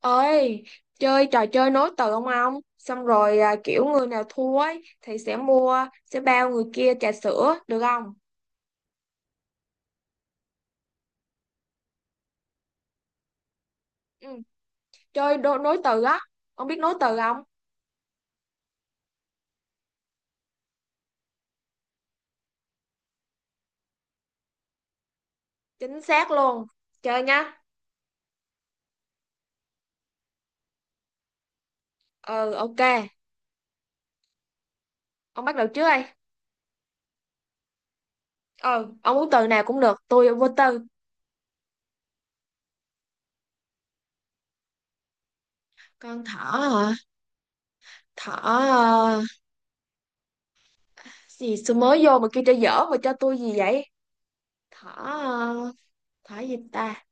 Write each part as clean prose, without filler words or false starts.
Ơi, chơi trò chơi nối từ không ông? Xong rồi à, kiểu người nào thua ấy thì sẽ mua sẽ bao người kia trà sữa được không? Ừ. Chơi đố, nối từ á. Ông biết nối từ không? Chính xác luôn, chơi nhá. Ừ, ok. Ông bắt đầu trước đây. Ừ, ông muốn từ nào cũng được, tôi vô tư. Con thỏ hả? Thỏ gì, sao mới vô mà kêu chơi dở mà cho tôi gì vậy? Thỏ thỏ gì ta?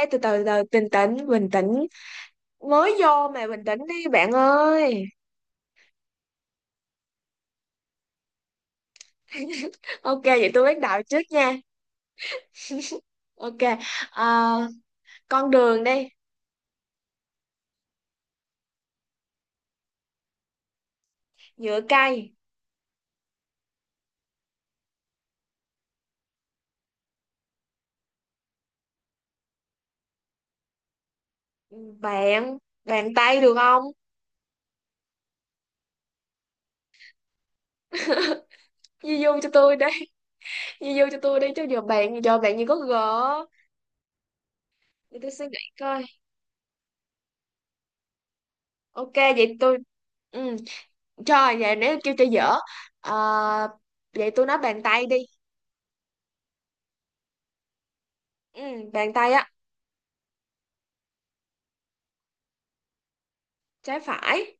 Ê, từ từ từ bình tĩnh bình tĩnh. Mới vô mà bình tĩnh đi bạn ơi. Ok vậy tôi bắt đầu trước nha. Ok, ờ, con đường đi. Nhựa cây. Ừ, bạn, bàn tay được không? Di vô cho tôi đi. Di vô cho tôi đi, chứ giờ bạn như có gỡ. Để tôi suy nghĩ coi. Ok vậy tôi, ừ, trời, vậy nếu kêu cho dở. Ờ, vậy tôi nói bàn tay đi. Ừ, bàn tay á. Trái phải.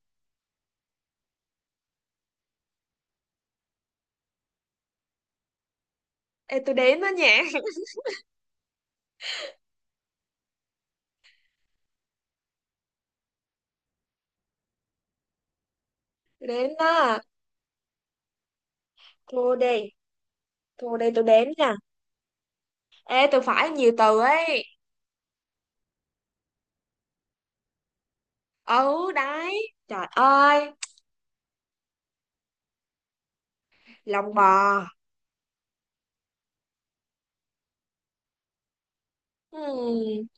Ê, tôi đếm đó nha. Tôi đếm đó. Cô đi. Thôi đây tôi đếm nha. Ê, tôi phải nhiều từ ấy. Ừ, đấy. Trời ơi, lòng bò. Hmm,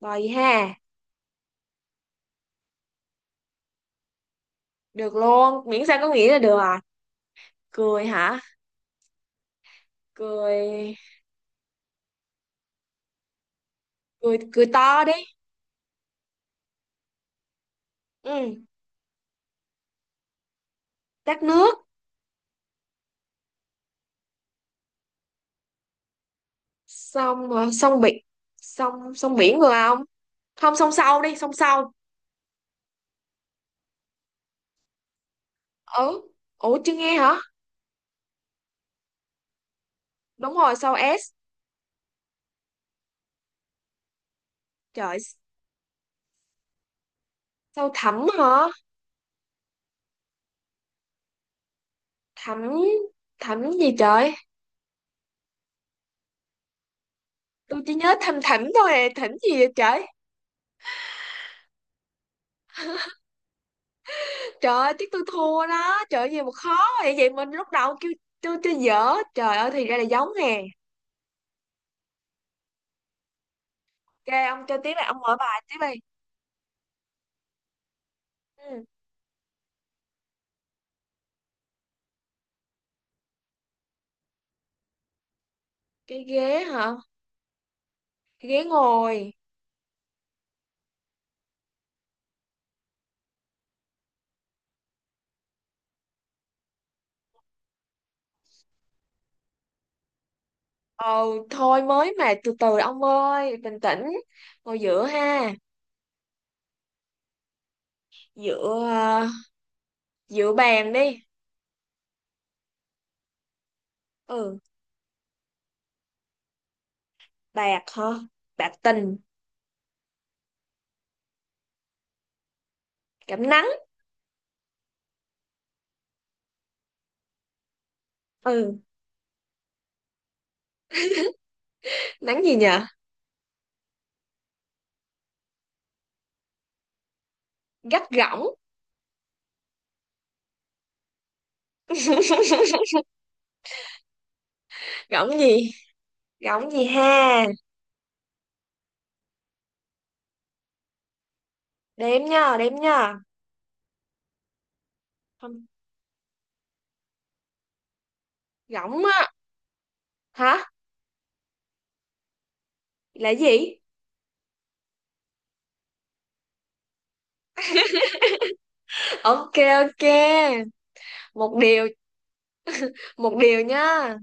bò gì ha? Được luôn, miễn sao có nghĩa là được à. Cười hả? Cười, cười, cười to đi. Ừ, tát nước. Sông sông biển. Sông, sông biển vừa không? Không, sông sâu đi, sông sâu. Ừ, ủa chưa nghe hả? Đúng rồi, sâu S. Trời, sâu thẳm hả? Thẳm, thẳm gì trời? Tôi chỉ nhớ thầm thẳm thôi à, thẳm gì vậy trời? Trời ơi, tiếc tôi thua đó. Trời ơi, gì mà khó vậy? Vậy mình lúc đầu kêu tôi dở. Trời ơi, thì ra là giống nè. Ok, ông chơi tiếp này, ông mở bài tiếp đi. Ừ. Cái ghế hả? Cái ghế ngồi. Ồ, thôi mới mà từ từ ông ơi, bình tĩnh. Ngồi giữa ha. Giữa giữa bàn đi. Ừ, bạc hả? Bạc tình, cảm nắng. Ừ, nắng gì nhờ? Gắt gỏng. Gỏng gì? Gỏng gì ha? Đếm nha, đếm nha. Không, gỏng á. Hả? Là gì? Ok, ok. Một điều, một điều nhá.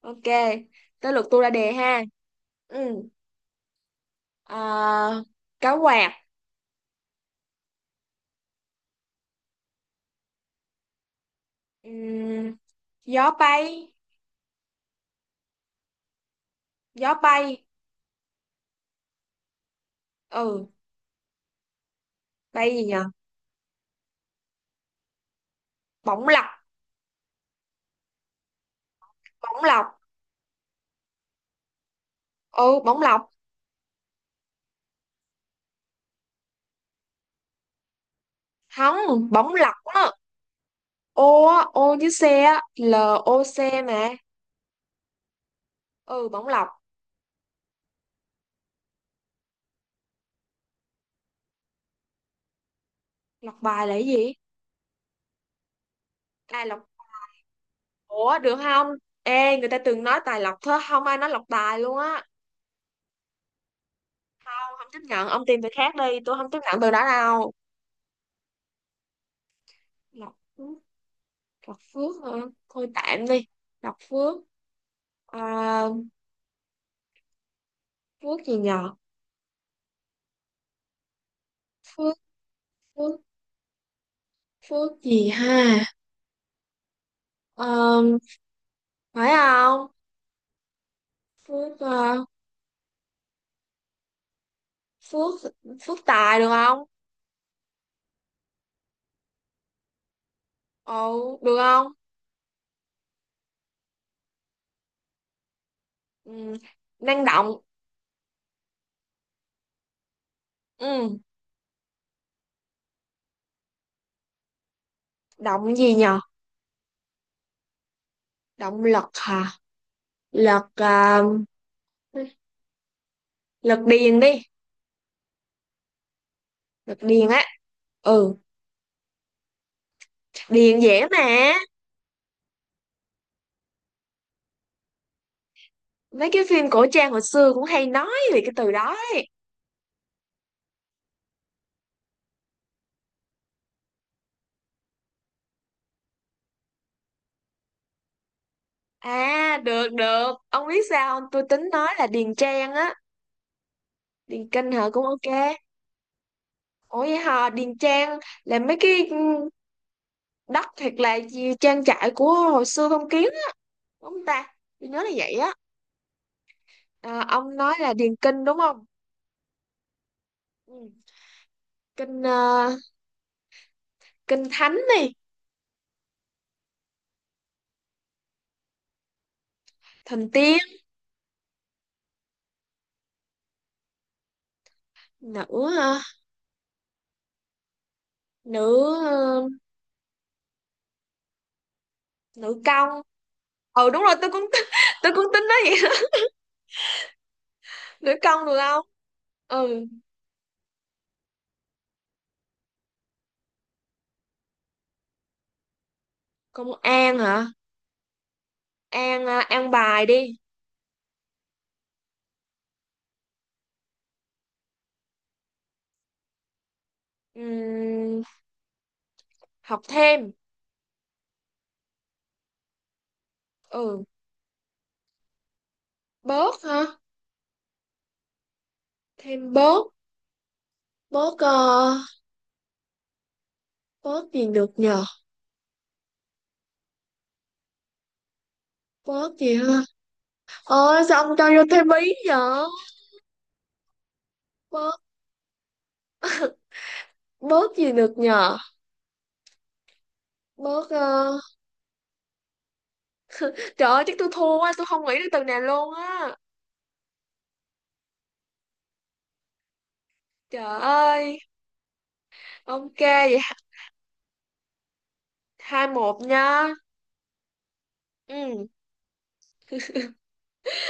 Ok, tới lượt tôi ra đề ha. Ừ, à, cá quạt. Ừm, gió bay. Gió bay. Ừ, bay gì nhờ? Bóng lọc. Bóng lọc. Ừ, bóng lọc. Không, bóng lọc á. Ô á, ô với xe á. L O C mà. Ừ, bóng lọc. Lọc bài là cái gì? À, lọc. Ủa được không? Ê, người ta từng nói tài lọc thôi, không ai nói lọc tài luôn á. Không chấp nhận, ông tìm việc khác đi, tôi không chấp nhận từ đó đâu. Lộc Phước. Lộc Phước hả? Thôi tạm đi. Lộc Phước, à, Phước gì nhờ? Phước, Phước, Phước gì ha? À, phải không? Phước à, Phước. Phước Tài được không? Ồ được không? Ừ. Năng động. Ừ. Động gì nhờ? Động lực hả? Lực à, lực điền đi. Lực điền á. Ừ, điền dễ mà. Mấy cái phim cổ trang hồi xưa cũng hay nói về cái từ đó ấy. À, được được, ông biết sao không, tôi tính nói là Điền Trang á. Điền Kinh hả, cũng ok. Ủa vậy hả, Điền Trang là mấy cái, ừ, đất thiệt là gì, trang trại của hồi xưa phong kiến á, đúng không ta? Tôi nhớ là vậy á. À, ông nói là Điền Kinh đúng không? Ừ. Kinh Kinh Thánh đi. Thần tiên. Nữ ờ, nữ nữ công. Ừ đúng rồi tôi cũng tôi cũng tính nói vậy. Nữ công được không? Ừ. Công an hả? An à, an bài đi. Ừm, học thêm. Ừ, bớt hả? Thêm bớt. Bớt bớt gì được nhờ? Bớt gì hả? Sao ông cho vô thêm ý nhở? Bớt, bớt gì được nhờ? Bớt trời ơi chắc tôi thua quá, tôi không nghĩ được từ này luôn á. Trời ơi. Ok vậy, 2-1 nha. Ừ,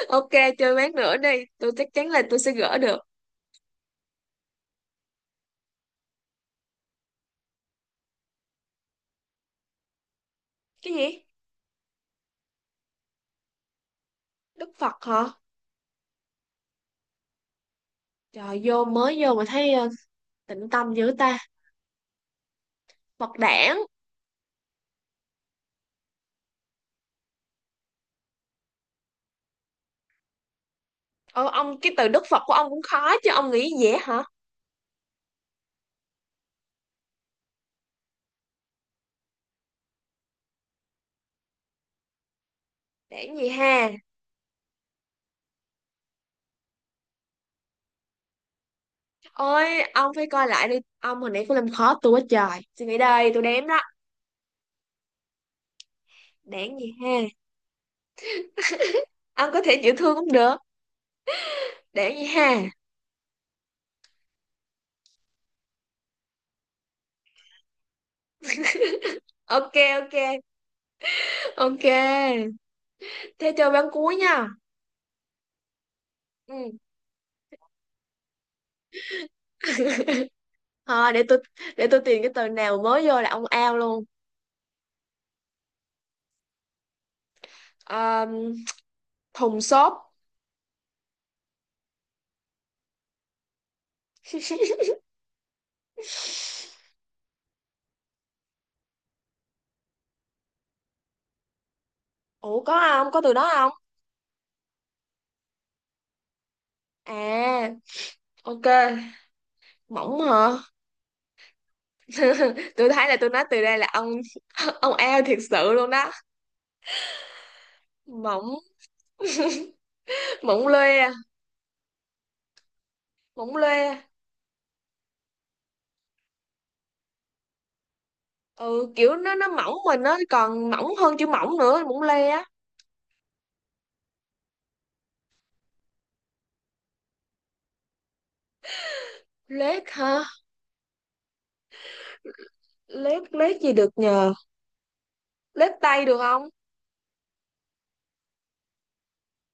ok. Chơi ván nữa đi, tôi chắc chắn là tôi sẽ gỡ được. Cái gì, đức phật hả? Trời, vô mới vô mà thấy, tịnh tâm dữ ta. Phật đản. Ôi ông, cái từ Đức Phật của ông cũng khó chứ ông nghĩ dễ hả? Đản gì ha? Ôi ông phải coi lại đi ông, hồi nãy cũng làm khó tôi quá trời. Suy nghĩ đây, tôi đếm đó. Đản gì ha? Ông có thể chịu thương cũng được. Đản gì ha? Ok, ok, ok. Thế chơi bán cuối nha. Ừ thôi, để tôi tìm cái từ nào mới vô là ông ao luôn. Ờ, thùng xốp. Ủa có không, có từ đó không? À ok, mỏng hả? Tôi thấy là tôi nói từ đây là ông ông eo thiệt sự luôn đó. Mỏng, mỏng lê à, mỏng lê à. Ừ, kiểu nó mỏng mình, nó còn mỏng hơn chữ mỏng nữa, mỏng lê á. Lết hả? Lết lết gì được nhờ? Lết tay được không?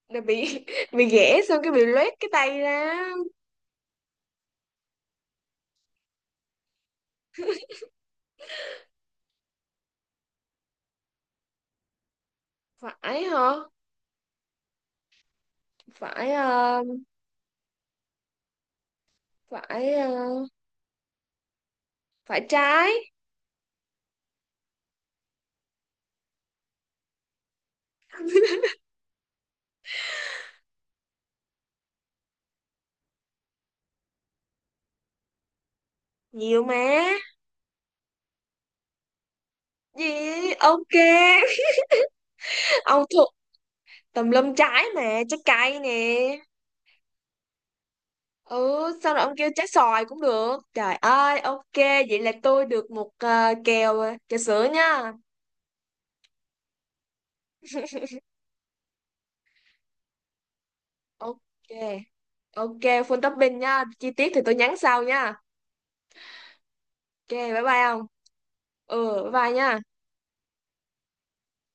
Là bị bị ghẻ xong cái bị loét cái tay ra. Phải hả? Phải phải phải trái. Nhiều mà. Gì, ok. Ông thuộc tùm lum trái mà, trái cây nè. Ừ, sau rồi ông kêu trái xoài cũng được. Trời ơi, ok, vậy là tôi được một kèo trà sữa nha. Ok, ok, full topping nha. Chi tiết thì tôi nhắn sau nha. Ok, bye bye ông. Ừ, bye bye nha.